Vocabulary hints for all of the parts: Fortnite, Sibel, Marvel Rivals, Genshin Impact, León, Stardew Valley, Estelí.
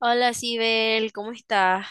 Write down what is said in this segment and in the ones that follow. Hola, Sibel, ¿cómo estás?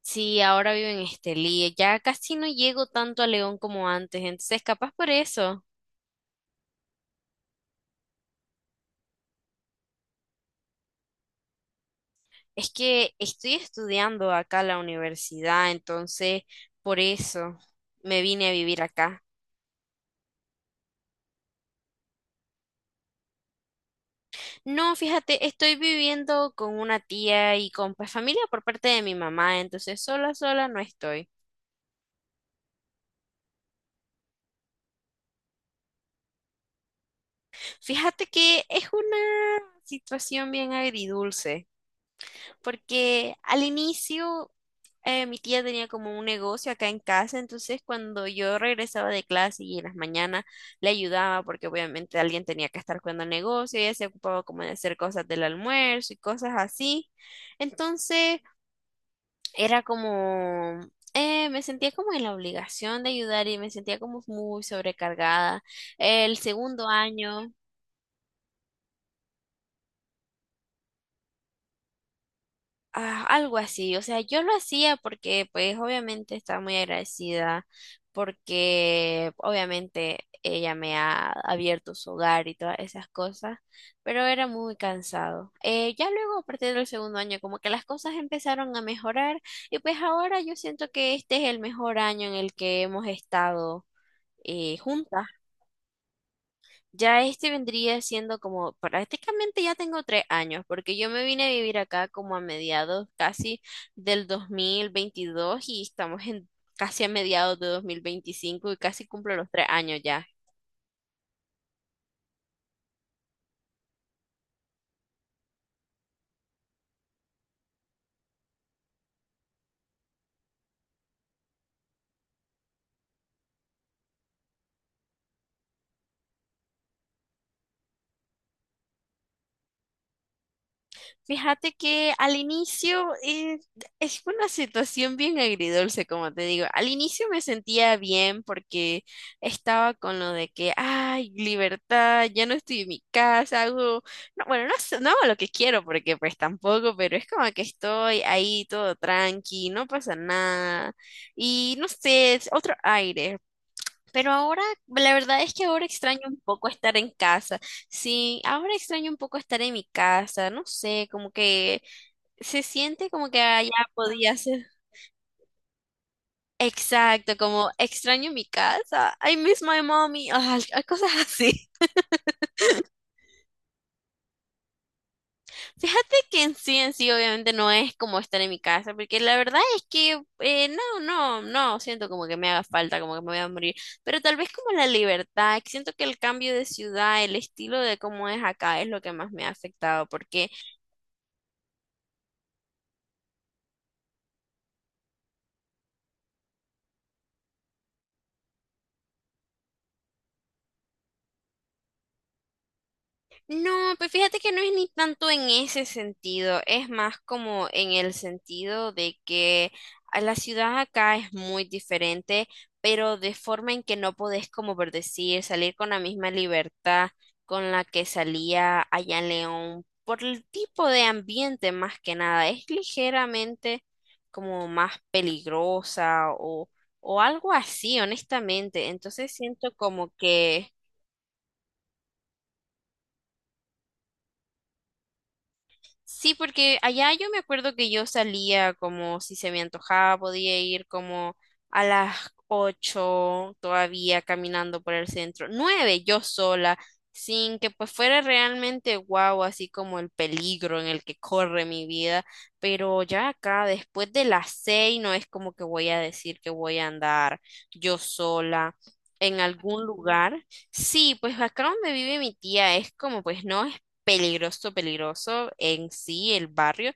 Sí, ahora vivo en Estelí. Ya casi no llego tanto a León como antes, entonces capaz por eso. Es que estoy estudiando acá en la universidad, entonces por eso me vine a vivir acá. No, fíjate, estoy viviendo con una tía y con pues, familia por parte de mi mamá, entonces sola, sola no estoy. Fíjate que es una situación bien agridulce, porque al inicio mi tía tenía como un negocio acá en casa, entonces cuando yo regresaba de clase y en las mañanas le ayudaba, porque obviamente alguien tenía que estar cuidando el negocio. Ella se ocupaba como de hacer cosas del almuerzo y cosas así. Entonces era como, me sentía como en la obligación de ayudar y me sentía como muy sobrecargada. El segundo año... Ah, algo así, o sea, yo lo hacía porque pues obviamente estaba muy agradecida porque obviamente ella me ha abierto su hogar y todas esas cosas, pero era muy cansado. Ya luego a partir del segundo año como que las cosas empezaron a mejorar y pues ahora yo siento que este es el mejor año en el que hemos estado juntas. Ya este vendría siendo como prácticamente ya tengo 3 años, porque yo me vine a vivir acá como a mediados casi del 2022 y estamos en casi a mediados de 2025 y casi cumplo los 3 años ya. Fíjate que al inicio es una situación bien agridulce, como te digo. Al inicio me sentía bien porque estaba con lo de que, ay, libertad, ya no estoy en mi casa, hago, no, bueno, no, no hago lo que quiero porque pues tampoco, pero es como que estoy ahí todo tranqui, no pasa nada. Y no sé, es otro aire. Pero ahora, la verdad es que ahora extraño un poco estar en casa. Sí, ahora extraño un poco estar en mi casa. No sé, como que se siente como que allá podía ser. Exacto, como extraño mi casa. I miss my mommy. Ay, hay cosas así. Fíjate que en sí, obviamente no es como estar en mi casa, porque la verdad es que no, no, no, siento como que me haga falta, como que me voy a morir, pero tal vez como la libertad, que siento que el cambio de ciudad, el estilo de cómo es acá es lo que más me ha afectado, porque... No, pues fíjate que no es ni tanto en ese sentido, es más como en el sentido de que a la ciudad acá es muy diferente, pero de forma en que no podés, como por decir, salir con la misma libertad con la que salía allá en León, por el tipo de ambiente más que nada, es ligeramente como más peligrosa o algo así, honestamente. Entonces siento como que... Sí, porque allá yo me acuerdo que yo salía como si se me antojaba, podía ir como a las 8 todavía caminando por el centro, nueve yo sola, sin que pues fuera realmente guau, así como el peligro en el que corre mi vida, pero ya acá después de las 6 no es como que voy a decir que voy a andar yo sola en algún lugar. Sí, pues acá donde vive mi tía es como pues no es peligroso, peligroso en sí el barrio,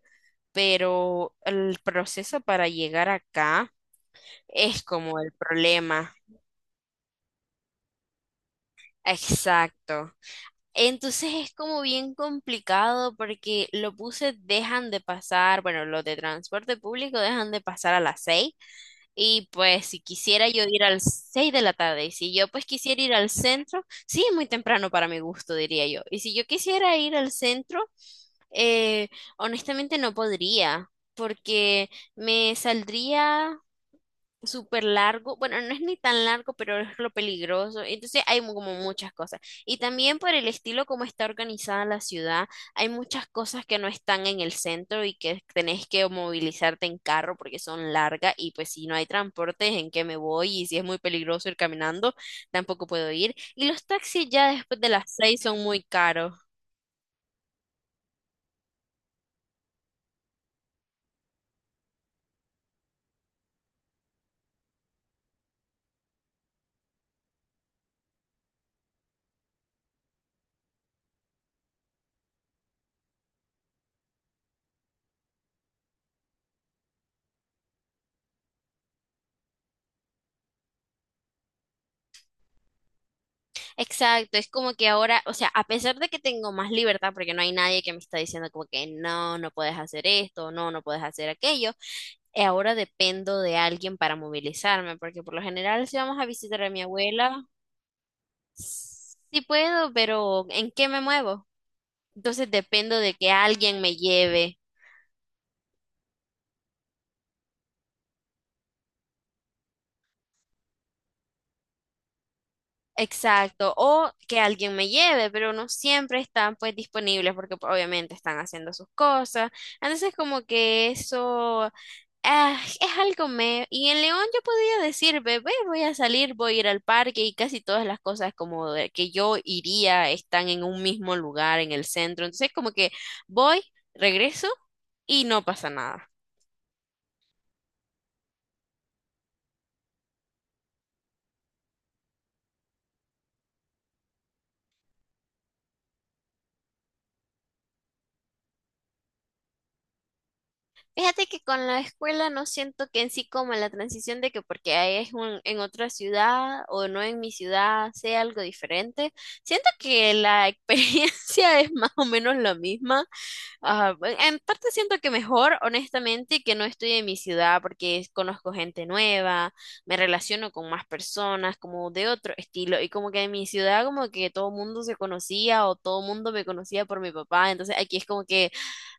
pero el proceso para llegar acá es como el problema. Exacto. Entonces es como bien complicado porque los buses dejan de pasar, bueno, los de transporte público dejan de pasar a las 6. Y pues si quisiera yo ir al 6 de la tarde, y si yo pues quisiera ir al centro, sí, es muy temprano para mi gusto, diría yo. Y si yo quisiera ir al centro, eh, honestamente no podría, porque me saldría súper largo, bueno, no es ni tan largo, pero es lo peligroso, entonces hay como muchas cosas. Y también por el estilo como está organizada la ciudad, hay muchas cosas que no están en el centro y que tenés que movilizarte en carro porque son largas y pues si no hay transportes, ¿en qué me voy? Y si es muy peligroso ir caminando, tampoco puedo ir. Y los taxis ya después de las 6 son muy caros. Exacto, es como que ahora, o sea, a pesar de que tengo más libertad, porque no hay nadie que me está diciendo como que no, no puedes hacer esto, no, no puedes hacer aquello, ahora dependo de alguien para movilizarme, porque por lo general si vamos a visitar a mi abuela, sí puedo, pero ¿en qué me muevo? Entonces dependo de que alguien me lleve, exacto, o que alguien me lleve, pero no siempre están pues disponibles porque pues, obviamente están haciendo sus cosas. Entonces como que eso... Ah, es algo me... Y en León yo podía decir, bebé, voy a salir, voy a ir al parque y casi todas las cosas como de que yo iría están en un mismo lugar, en el centro. Entonces como que voy, regreso y no pasa nada. Fíjate que con la escuela no siento que en sí como la transición de que porque ahí es un, en otra ciudad o no en mi ciudad sea algo diferente. Siento que la experiencia es más o menos la misma. Ah, bueno, en parte siento que mejor, honestamente, que no estoy en mi ciudad porque conozco gente nueva, me relaciono con más personas, como de otro estilo, y como que en mi ciudad como que todo mundo se conocía o todo mundo me conocía por mi papá, entonces aquí es como que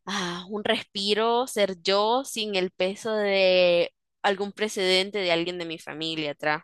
ah, un respiro, ser yo sin el peso de algún precedente de alguien de mi familia atrás.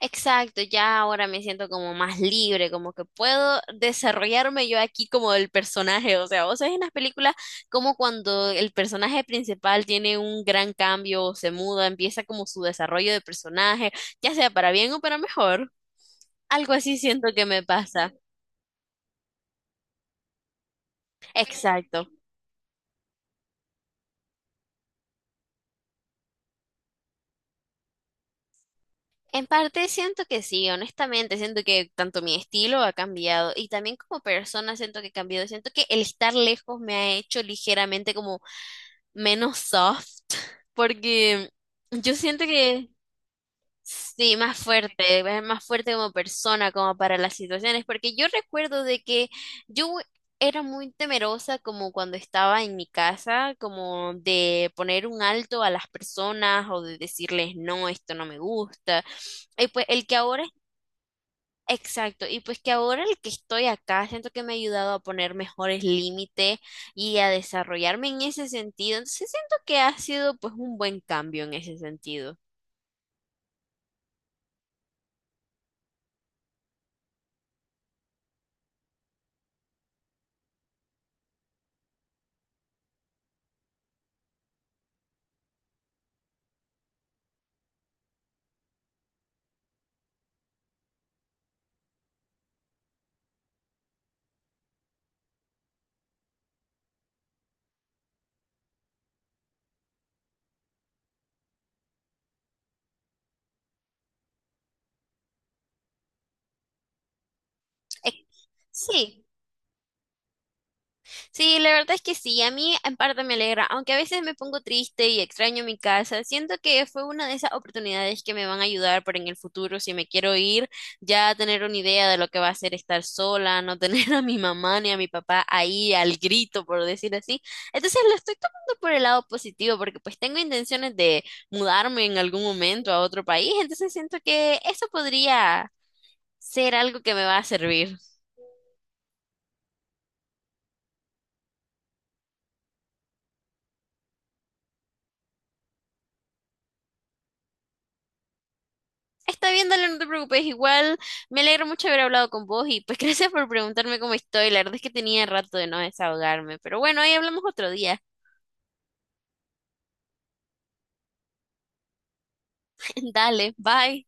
Exacto, ya ahora me siento como más libre, como que puedo desarrollarme yo aquí como el personaje, o sea, vos sabés en las películas como cuando el personaje principal tiene un gran cambio, o se muda, empieza como su desarrollo de personaje, ya sea para bien o para mejor, algo así siento que me pasa. Exacto. En parte siento que sí, honestamente, siento que tanto mi estilo ha cambiado y también como persona siento que he cambiado, siento que el estar lejos me ha hecho ligeramente como menos soft, porque yo siento que sí, más fuerte, es más fuerte como persona, como para las situaciones, porque yo recuerdo de que yo era muy temerosa como cuando estaba en mi casa, como de poner un alto a las personas o de decirles, no, esto no me gusta. Y pues el que ahora... Exacto, y pues que ahora el que estoy acá, siento que me ha ayudado a poner mejores límites y a desarrollarme en ese sentido. Entonces siento que ha sido pues un buen cambio en ese sentido. Ex- Sí, sí, la verdad es que sí, a mí en parte me alegra, aunque a veces me pongo triste y extraño mi casa, siento que fue una de esas oportunidades que me van a ayudar para en el futuro, si me quiero ir, ya tener una idea de lo que va a ser estar sola, no tener a mi mamá ni a mi papá ahí al grito, por decir así. Entonces lo estoy tomando por el lado positivo, porque pues tengo intenciones de mudarme en algún momento a otro país, entonces siento que eso podría ser algo que me va a servir. Está bien, dale, no te preocupes. Igual me alegro mucho haber hablado con vos y pues gracias por preguntarme cómo estoy. La verdad es que tenía rato de no desahogarme, pero bueno, ahí hablamos otro día. Dale, bye.